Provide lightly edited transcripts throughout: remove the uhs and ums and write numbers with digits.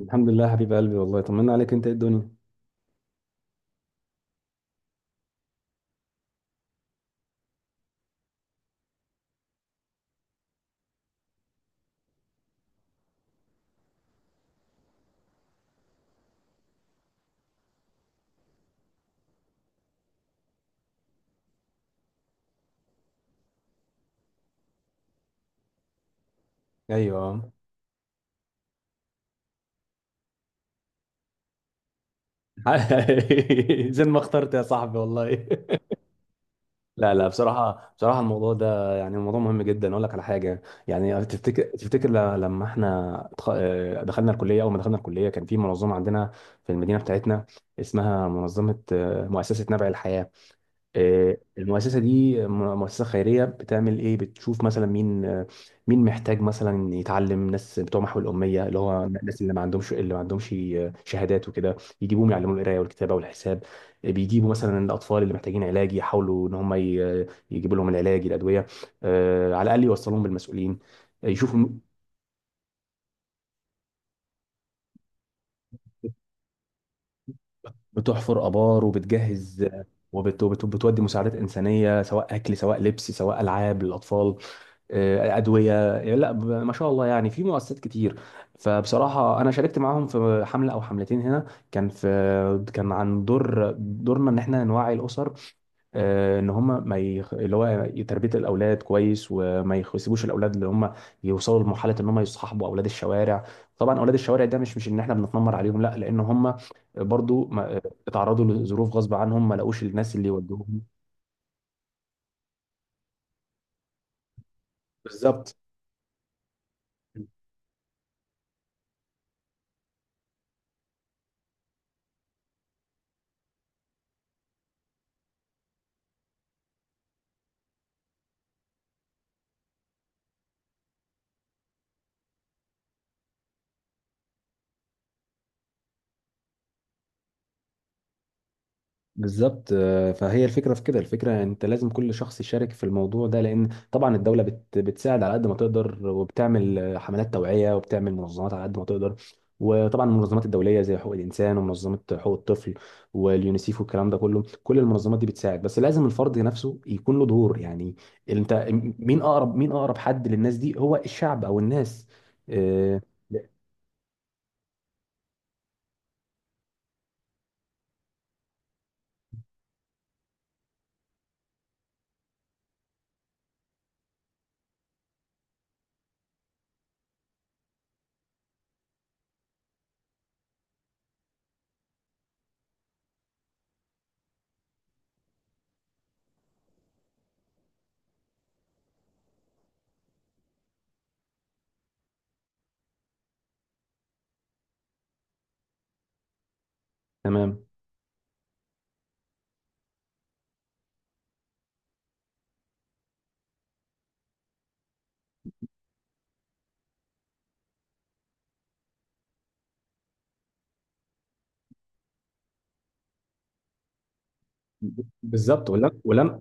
الحمد لله حبيب قلبي، والله طمنا عليك، انت ايه الدنيا؟ ايوه. زي ما اخترت يا صاحبي والله. لا لا، بصراحه بصراحه الموضوع ده يعني موضوع مهم جدا. اقول لك على حاجه، يعني تفتكر لما احنا دخلنا الكليه، اول ما دخلنا الكليه كان في منظمه عندنا في المدينه بتاعتنا، اسمها منظمه مؤسسه نبع الحياه. المؤسسة دي مؤسسة خيرية، بتعمل ايه؟ بتشوف مثلا مين مين محتاج مثلا يتعلم، ناس بتوع محو الأمية، اللي هو الناس اللي ما عندهمش، اللي ما عندهمش شهادات وكده، يجيبوهم يعلموا القراية والكتابة والحساب. بيجيبوا مثلا الأطفال اللي محتاجين علاج، يحاولوا إن هم يجيبوا لهم العلاج الأدوية، على الأقل يوصلوهم بالمسؤولين. آه، يشوفوا م- بتحفر آبار وبتجهز، وبتودي مساعدات إنسانية، سواء أكل سواء لبس سواء ألعاب للأطفال، ادويه يعني. لا ب- ما شاء الله، يعني في مؤسسات كتير. فبصراحه انا شاركت معاهم في حمله او حملتين هنا، كان في كان عن دور دورنا ان احنا نوعي الاسر، ان هم ما يخ... اللي هو تربيه الاولاد كويس، يسيبوش الاولاد اللي هم يوصلوا لمرحله ان هم يصاحبوا اولاد الشوارع. طبعا اولاد الشوارع ده مش ان احنا بنتنمر عليهم، لا، لان هم برضو ما... اتعرضوا لظروف غصب عنهم، ما لقوش الناس اللي يوجهوهم. بالظبط بالظبط. فهي الفكره في كده، الفكره انت لازم كل شخص يشارك في الموضوع ده، لان طبعا الدوله بتساعد على قد ما تقدر، وبتعمل حملات توعيه، وبتعمل منظمات على قد ما تقدر. وطبعا المنظمات الدوليه زي حقوق الانسان ومنظمه حقوق الطفل واليونيسيف والكلام ده كله، كل المنظمات دي بتساعد، بس لازم الفرد نفسه يكون له دور يعني. انت، مين اقرب حد للناس دي؟ هو الشعب او الناس. آه، تمام. بالظبط ولما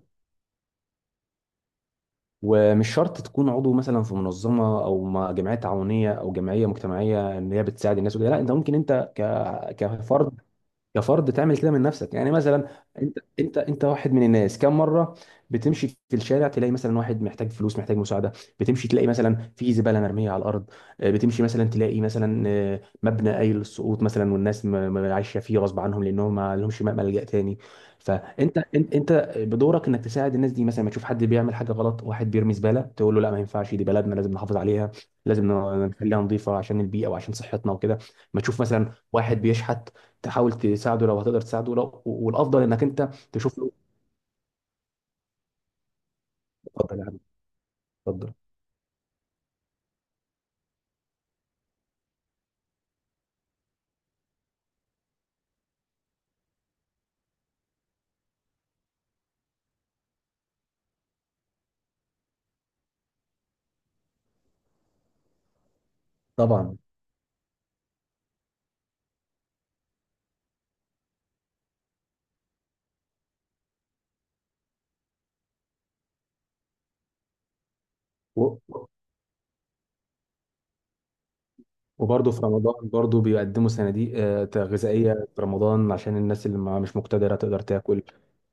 ومش شرط تكون عضو مثلا في منظمه او جمعيه تعاونيه او جمعيه مجتمعيه ان هي بتساعد الناس وكده، لا، انت ممكن انت كفرد، كفرد تعمل كده من نفسك، يعني مثلا انت واحد من الناس. كم مره بتمشي في الشارع تلاقي مثلا واحد محتاج فلوس، محتاج مساعده؟ بتمشي تلاقي مثلا في زباله مرميه على الارض. بتمشي مثلا تلاقي مثلا مبنى قايل للسقوط مثلا، والناس عايشه فيه غصب عنهم لانهم ما لهمش ملجأ تاني. فانت انت انت بدورك انك تساعد الناس دي. مثلا ما تشوف حد بيعمل حاجه غلط، واحد بيرمي زباله، تقول له لا ما ينفعش، دي بلدنا لازم نحافظ عليها، لازم نخليها نظيفه عشان البيئه وعشان صحتنا وكده. ما تشوف مثلا واحد بيشحت، تحاول تساعده لو هتقدر تساعده، لو والافضل انك انت تشوف له. اتفضل يا حبيبي. اتفضل. طبعا. و- وبرضه في رمضان، برضه بيقدموا صناديق غذائيه في رمضان، عشان الناس اللي مش مقتدره تقدر تاكل.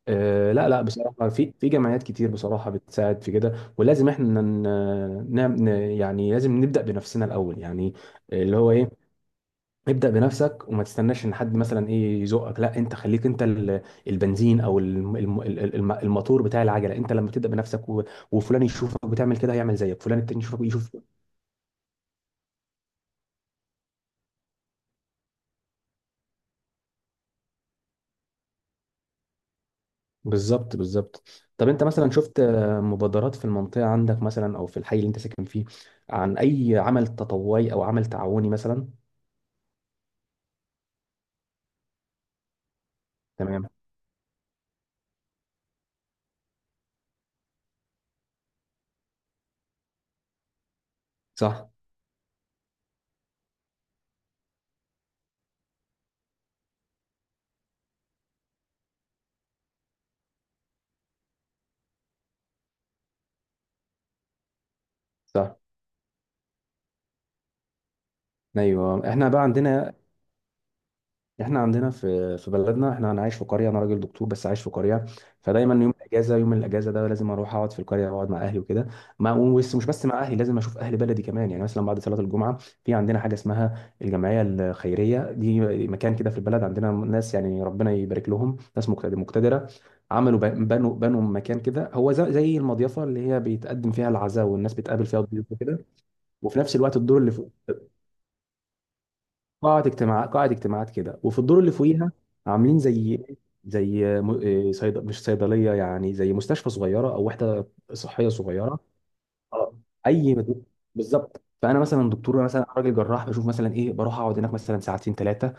آه، لا لا، بصراحه في جمعيات كتير بصراحه بتساعد في كده. ولازم احنا يعني لازم نبدا بنفسنا الاول يعني، اللي هو ايه، ابدأ بنفسك وما تستناش ان حد مثلا ايه يزقك، لا، انت خليك انت البنزين او الموتور بتاع العجله. انت لما تبدأ بنفسك وفلان يشوفك بتعمل كده هيعمل زيك، فلان التاني يشوفك يشوف. بالظبط بالظبط. طب انت مثلا شفت مبادرات في المنطقه عندك مثلا، او في الحي اللي انت ساكن فيه، عن اي عمل تطوعي او عمل تعاوني مثلا؟ تمام. صح. صح. ايوه، احنا بقى عندنا، احنا عندنا في بلدنا. احنا انا عايش في قريه، انا راجل دكتور بس عايش في قريه، فدايما يوم الاجازه ده لازم اروح اقعد في القريه واقعد مع اهلي وكده. ما بس مش بس مع اهلي، لازم اشوف اهل بلدي كمان. يعني مثلا بعد صلاه الجمعه في عندنا حاجه اسمها الجمعيه الخيريه دي، مكان كده في البلد. عندنا ناس يعني ربنا يبارك لهم، ناس مقتدره، عملوا ب- بنوا بنوا مكان كده، هو زي المضيفه اللي هي بيتقدم فيها العزاء والناس بتقابل فيها الضيوف وكده، وفي نفس الوقت الدور اللي فوق قاعة اجتماعات كده. وفي الدور اللي فوقيها عاملين زي، زي مش صيدلية، يعني زي مستشفى صغيرة أو وحدة صحية صغيرة. آه. أي مد- بالظبط. فأنا مثلا دكتور، مثلا راجل جراح، بشوف مثلا إيه، بروح أقعد هناك مثلا ساعتين ثلاثة،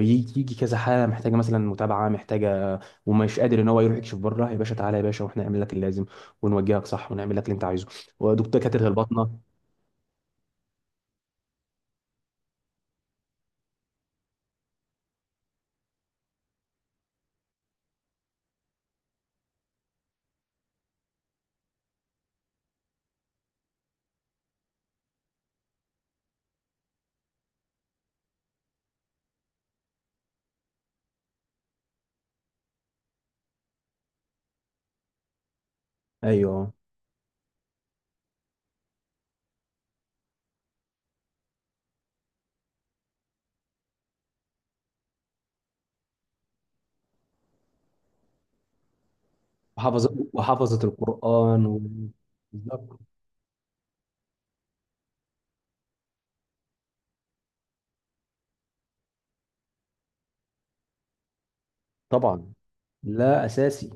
يجي كذا حالة محتاجة مثلا متابعة، محتاجة ومش قادر إن هو يروح يكشف بره، يا باشا تعالى يا باشا وإحنا نعمل لك اللازم ونوجهك صح ونعمل لك اللي أنت عايزه. ودكتور كاتره الباطنة. أيوه. وحافظة القرآن بالظبط. طبعا. لا اساسي،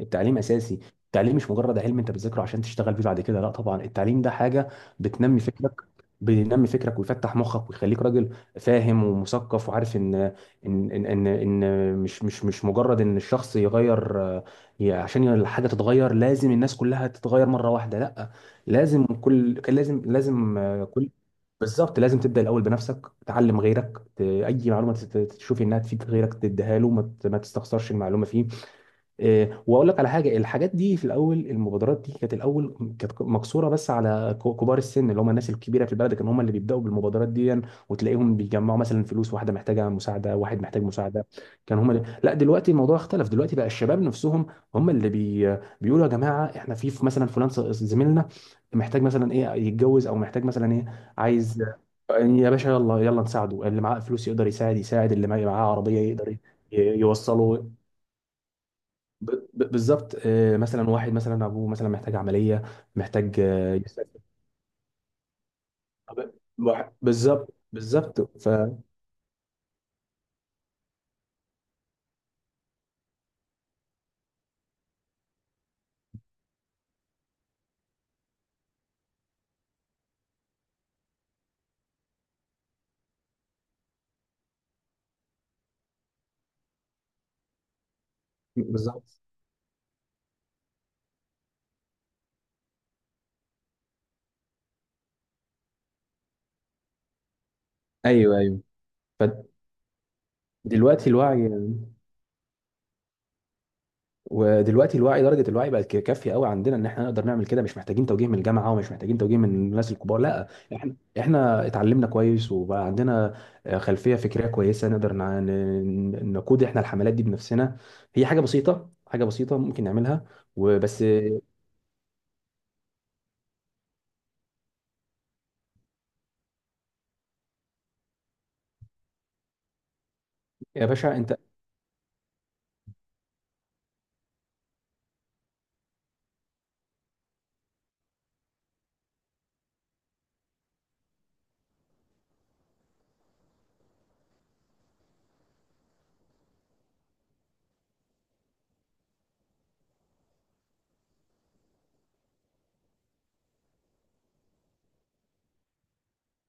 التعليم اساسي. التعليم مش مجرد علم انت بتذاكره عشان تشتغل بيه بعد كده، لا طبعا، التعليم ده حاجه بتنمي فكرك، بينمي فكرك ويفتح مخك ويخليك راجل فاهم ومثقف، وعارف ان ان ان ان, إن مش مش مش مجرد ان الشخص يغير، عشان الحاجه تتغير لازم الناس كلها تتغير مره واحده، لا، لازم كل كان لازم لازم آه، كل بالظبط، لازم تبدا الاول بنفسك، تعلم غيرك، اي معلومه تشوفي انها تفيد غيرك تديها له، ما ما تستخسرش المعلومه فيه. واقول لك على حاجه، الحاجات دي في الاول، المبادرات دي كانت الاول كانت مقصوره بس على كبار السن، اللي هم الناس الكبيره في البلد، كانوا هم اللي بيبداوا بالمبادرات دي، وتلاقيهم بيجمعوا مثلا فلوس، واحده محتاجه مساعده، واحد محتاج مساعده، لا دلوقتي الموضوع اختلف، دلوقتي بقى الشباب نفسهم هم اللي بيقولوا يا جماعه احنا في مثلا فلان زميلنا محتاج مثلا ايه يتجوز، او محتاج مثلا ايه عايز، يا باشا يلا يلا نساعده، اللي معاه فلوس يقدر يساعد، يساعد اللي معاه عربيه يقدر يوصله. بالظبط. مثلا واحد مثلا ابوه مثلا محتاج عمليه، محتاج يسافر. طب- بالظبط بالظبط. ف بالظبط. ايوه ايوه. فدلوقتي الوعي ودلوقتي الوعي درجه الوعي بقت كافيه قوي عندنا، ان احنا نقدر نعمل كده مش محتاجين توجيه من الجامعه، ومش محتاجين توجيه من الناس الكبار، لا، احنا احنا اتعلمنا كويس وبقى عندنا خلفيه فكريه كويسه، نقدر نقود احنا الحملات دي بنفسنا. هي حاجه بسيطه، حاجه بسيطه ممكن نعملها وبس. يا باشا انت،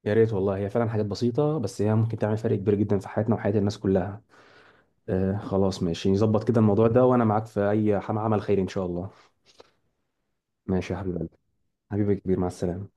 يا ريت والله، هي فعلا حاجات بسيطة بس هي ممكن تعمل فرق كبير جدا في حياتنا وحياة الناس كلها. آه خلاص ماشي، نظبط كده الموضوع ده وأنا معاك في أي عمل خير إن شاء الله. ماشي يا حبيب قلبي، حبيبي كبير، مع السلامة.